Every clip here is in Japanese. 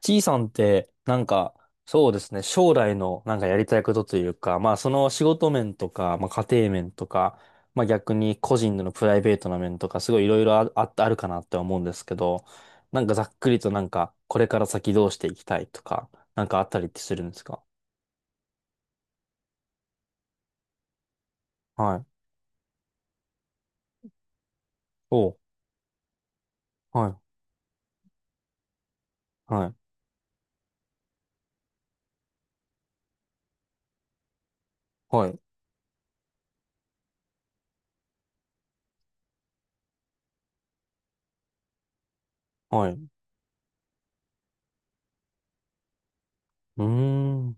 T さんって、なんか、そうですね、将来のなんかやりたいことというか、まあその仕事面とか、まあ家庭面とか、まあ逆に個人でのプライベートな面とか、すごいいろいろあるかなって思うんですけど、なんかざっくりとなんか、これから先どうしていきたいとか、なんかあったりってするんですか？はい。お、はい。はい。はい。はい。うーん。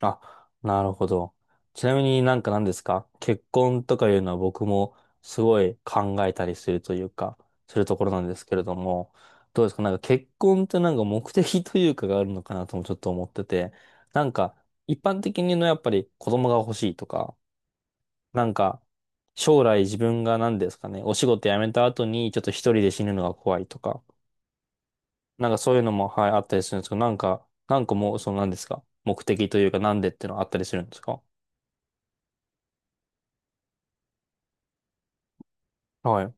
あ、なるほど。ちなみになんか何ですか、結婚とかいうのは僕もすごい考えたりするというか、するところなんですけれども、どうですか、なんか結婚ってなんか目的というかがあるのかなともちょっと思ってて、なんか一般的にのやっぱり子供が欲しいとか、なんか将来自分が何ですかね、お仕事辞めた後にちょっと一人で死ぬのが怖いとか、なんかそういうのも、はい、あったりするんですけど、なんかもうその何ですか、目的というかなんでっていうのはあったりするんですか？はい。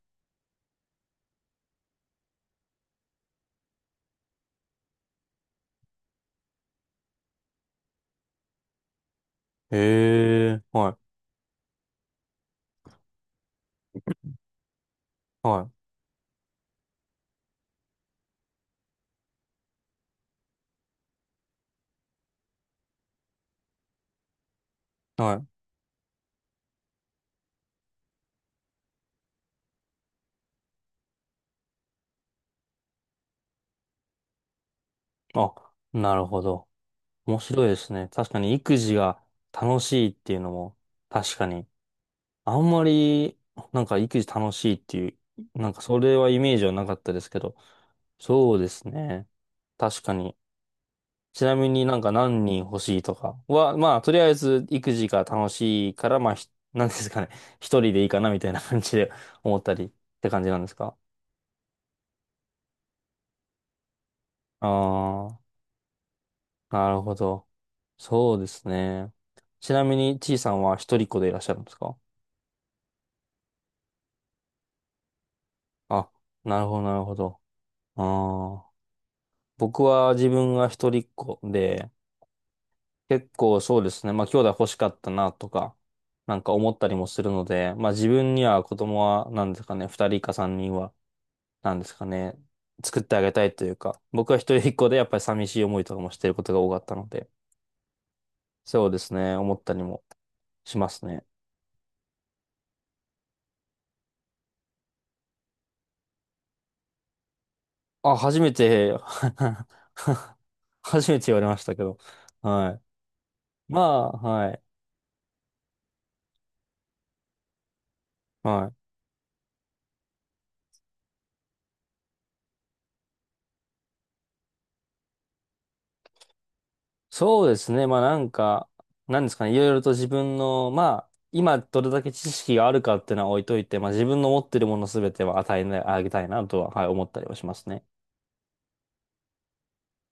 へえ、はい、はい、はい。あ、なるほど。面白いですね。確かに育児が楽しいっていうのも、確かに、あんまり、なんか育児楽しいっていう、なんかそれはイメージはなかったですけど、そうですね。確かに。ちなみになんか何人欲しいとかは、まあ、とりあえず育児が楽しいから、まあ、なんですかね。一人でいいかなみたいな感じで思ったりって感じなんですか？ああー。なるほど。そうですね。ちなみに、ちいさんは一人っ子でいらっしゃるんですか？あ、なるほど、なるほど。ああ。僕は自分が一人っ子で、結構そうですね。まあ、兄弟欲しかったなとか、なんか思ったりもするので、まあ、自分には子供は、なんですかね、二人か三人は、なんですかね、作ってあげたいというか、僕は一人っ子でやっぱり寂しい思いとかもしてることが多かったので、そうですね、思ったりもしますね。あ、初めて 初めて言われましたけど。はい。まあ、はい。はい。そうですね。まあなんか、なんですかね。いろいろと自分の、まあ、今どれだけ知識があるかっていうのは置いといて、まあ自分の持ってるものすべては与えなあげたいなとは、はい、思ったりはしますね。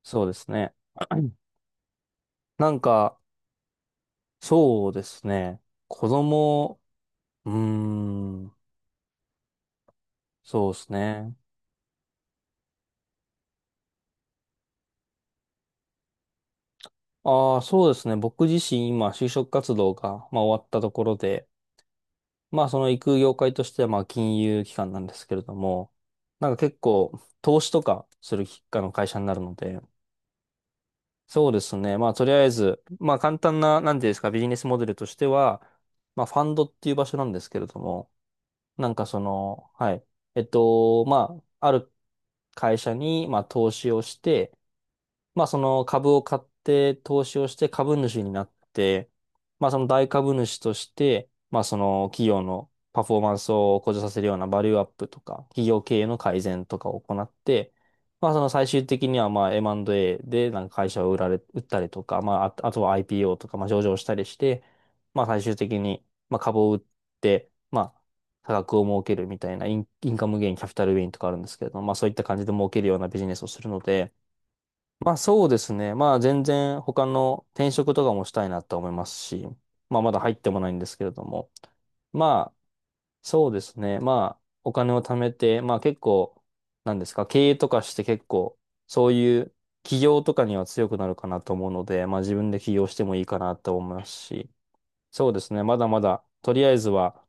そうですね。なんか、そうですね。子供、うーん、そうですね。ああ、そうですね。僕自身今、就職活動が、まあ、終わったところで、まあ、その行く業界としては、まあ、金融機関なんですけれども、なんか結構、投資とかするきあの会社になるので、そうですね。まあ、とりあえず、まあ、簡単な、なんていうんですか、ビジネスモデルとしては、まあ、ファンドっていう場所なんですけれども、なんかその、はい。まあ、ある会社に、まあ、投資をして、まあその株を買って投資をして株主になって、まあその大株主として、まあその企業のパフォーマンスを向上させるようなバリューアップとか、企業経営の改善とかを行って、まあその最終的にはまあ M&A でなんか会社を売られ、売ったりとか、まああとは IPO とか、まあ上場したりして、まあ最終的にまあ株を売って、まあ差額を儲けるみたいなインカムゲイン、キャピタルゲインとかあるんですけれども、まあそういった感じで儲けるようなビジネスをするので、まあそうですね。まあ全然他の転職とかもしたいなと思いますし、まあまだ入ってもないんですけれども。まあそうですね。まあお金を貯めて、まあ結構、なんですか、経営とかして結構、そういう起業とかには強くなるかなと思うので、まあ自分で起業してもいいかなと思いますし、そうですね。まだまだ、とりあえずは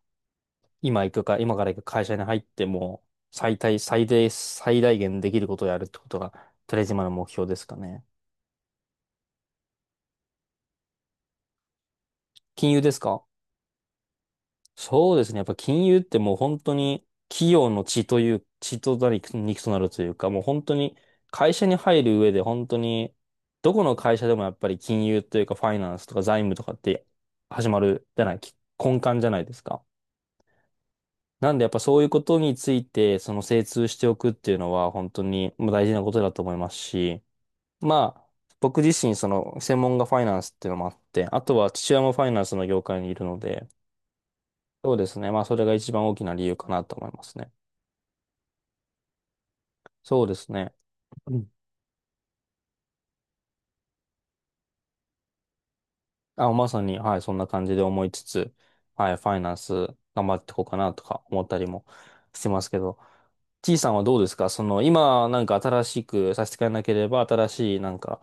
今から行く会社に入っても、最大限できることをやるってことが、とりあえず今の目標ですかね。金融ですか？そうですね。やっぱ金融ってもう本当に企業の血となり肉となるというか、もう本当に会社に入る上で本当に、どこの会社でもやっぱり金融というかファイナンスとか財務とかって始まるじゃない、き根幹じゃないですか。なんでやっぱそういうことについて、その精通しておくっていうのは本当にまあ大事なことだと思いますし、まあ、僕自身その専門がファイナンスっていうのもあって、あとは父親もファイナンスの業界にいるので、そうですね。まあ、それが一番大きな理由かなと思いますね。そうですね。うん。あ、まさに、はい、そんな感じで思いつつ、はい、ファイナンス頑張っていこうかなとか思ったりもしてますけど、T さんはどうですか、その、今、なんか新しくさせてくれなければ、新しい、なんか、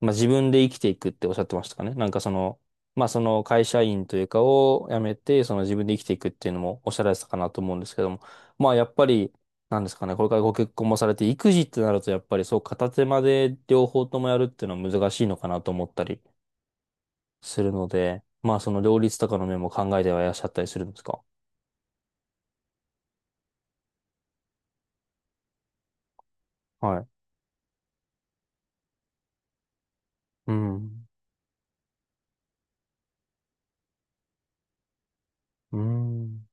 まあ、自分で生きていくっておっしゃってましたかね、なんかその、まあ、その会社員というかを辞めて、その自分で生きていくっていうのもおっしゃられてたかなと思うんですけども、まあ、やっぱり、なんですかね、これからご結婚もされて、育児ってなると、やっぱりそう、片手間で両方ともやるっていうのは難しいのかなと思ったり、するので、まあその両立とかの面も考えてはいらっしゃったりするんですか？はい。うん。うん。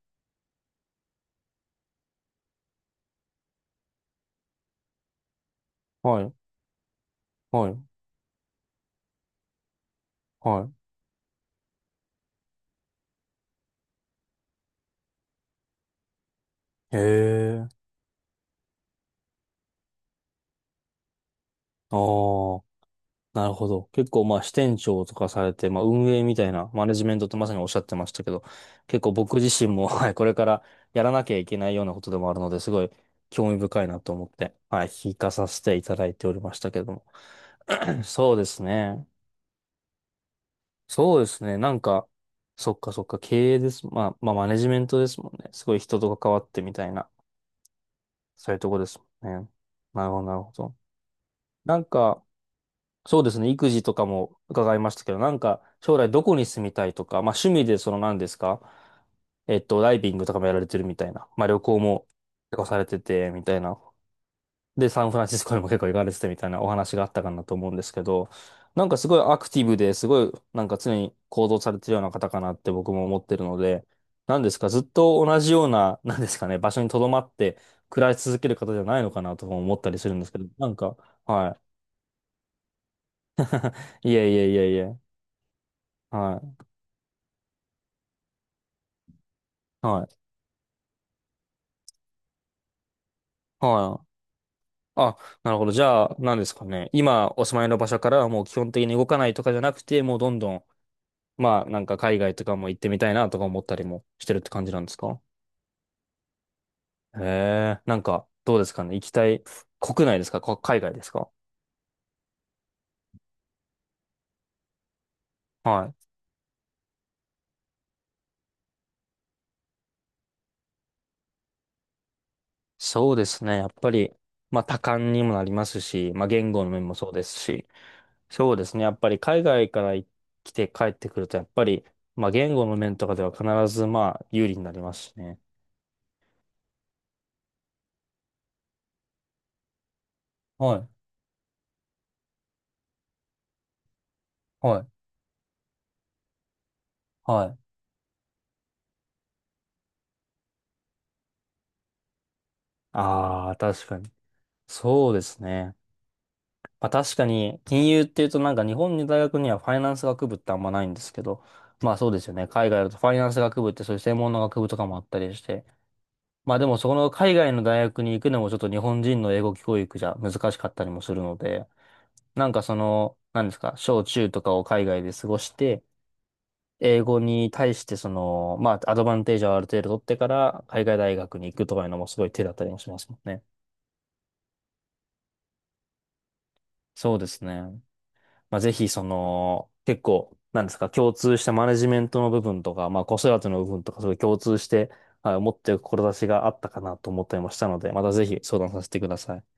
はい。はい。はい。へえ。ああ、なるほど。結構まあ支店長とかされて、まあ運営みたいなマネジメントってまさにおっしゃってましたけど、結構僕自身も、はい、これからやらなきゃいけないようなことでもあるので、すごい興味深いなと思って、はい、聞かさせていただいておりましたけども。そうですね。そうですね。なんか、そっかそっか、経営です。まあ、まあ、マネジメントですもんね。すごい人と関わってみたいな、そういうとこですもんね。なるほど、なるほど。なんか、そうですね。育児とかも伺いましたけど、なんか、将来どこに住みたいとか、まあ、趣味でその何ですか、ダイビングとかもやられてるみたいな。まあ、旅行も結構されてて、みたいな。で、サンフランシスコにも結構行かれててみたいなお話があったかなと思うんですけど、なんかすごいアクティブですごいなんか常に行動されてるような方かなって僕も思ってるので、なんですか、ずっと同じような、なんですかね、場所に留まって暮らし続ける方じゃないのかなとも思ったりするんですけど、なんか、はい。いえいえいえいえ、はい、はい、はい。あ、なるほど。じゃあ、なんですかね。今、お住まいの場所からはもう基本的に動かないとかじゃなくて、もうどんどん、まあ、なんか海外とかも行ってみたいなとか思ったりもしてるって感じなんですか？へえ、なんか、どうですかね。行きたい、国内ですか、海外ですか？はい。そうですね。やっぱり、まあ、多感にもなりますし、まあ、言語の面もそうですし、そうですね。やっぱり、海外から来て帰ってくると、やっぱり、まあ、言語の面とかでは必ず、まあ、有利になりますしね。はい、はい、はい。ああ、確かに。そうですね。まあ確かに、金融っていうとなんか日本の大学にはファイナンス学部ってあんまないんですけど、まあそうですよね。海外だとファイナンス学部ってそういう専門の学部とかもあったりして、まあでもそこの海外の大学に行くのもちょっと日本人の英語教育じゃ難しかったりもするので、なんかその、なんですか、小中とかを海外で過ごして、英語に対してその、まあアドバンテージをある程度取ってから海外大学に行くとかいうのもすごい手だったりもしますもんね。そうですね。まあ、ぜひ、その、結構、なんですか、共通したマネジメントの部分とか、まあ、子育ての部分とか、そういう共通して、はい、持っている志があったかなと思ったりもしたので、またぜひ相談させてください。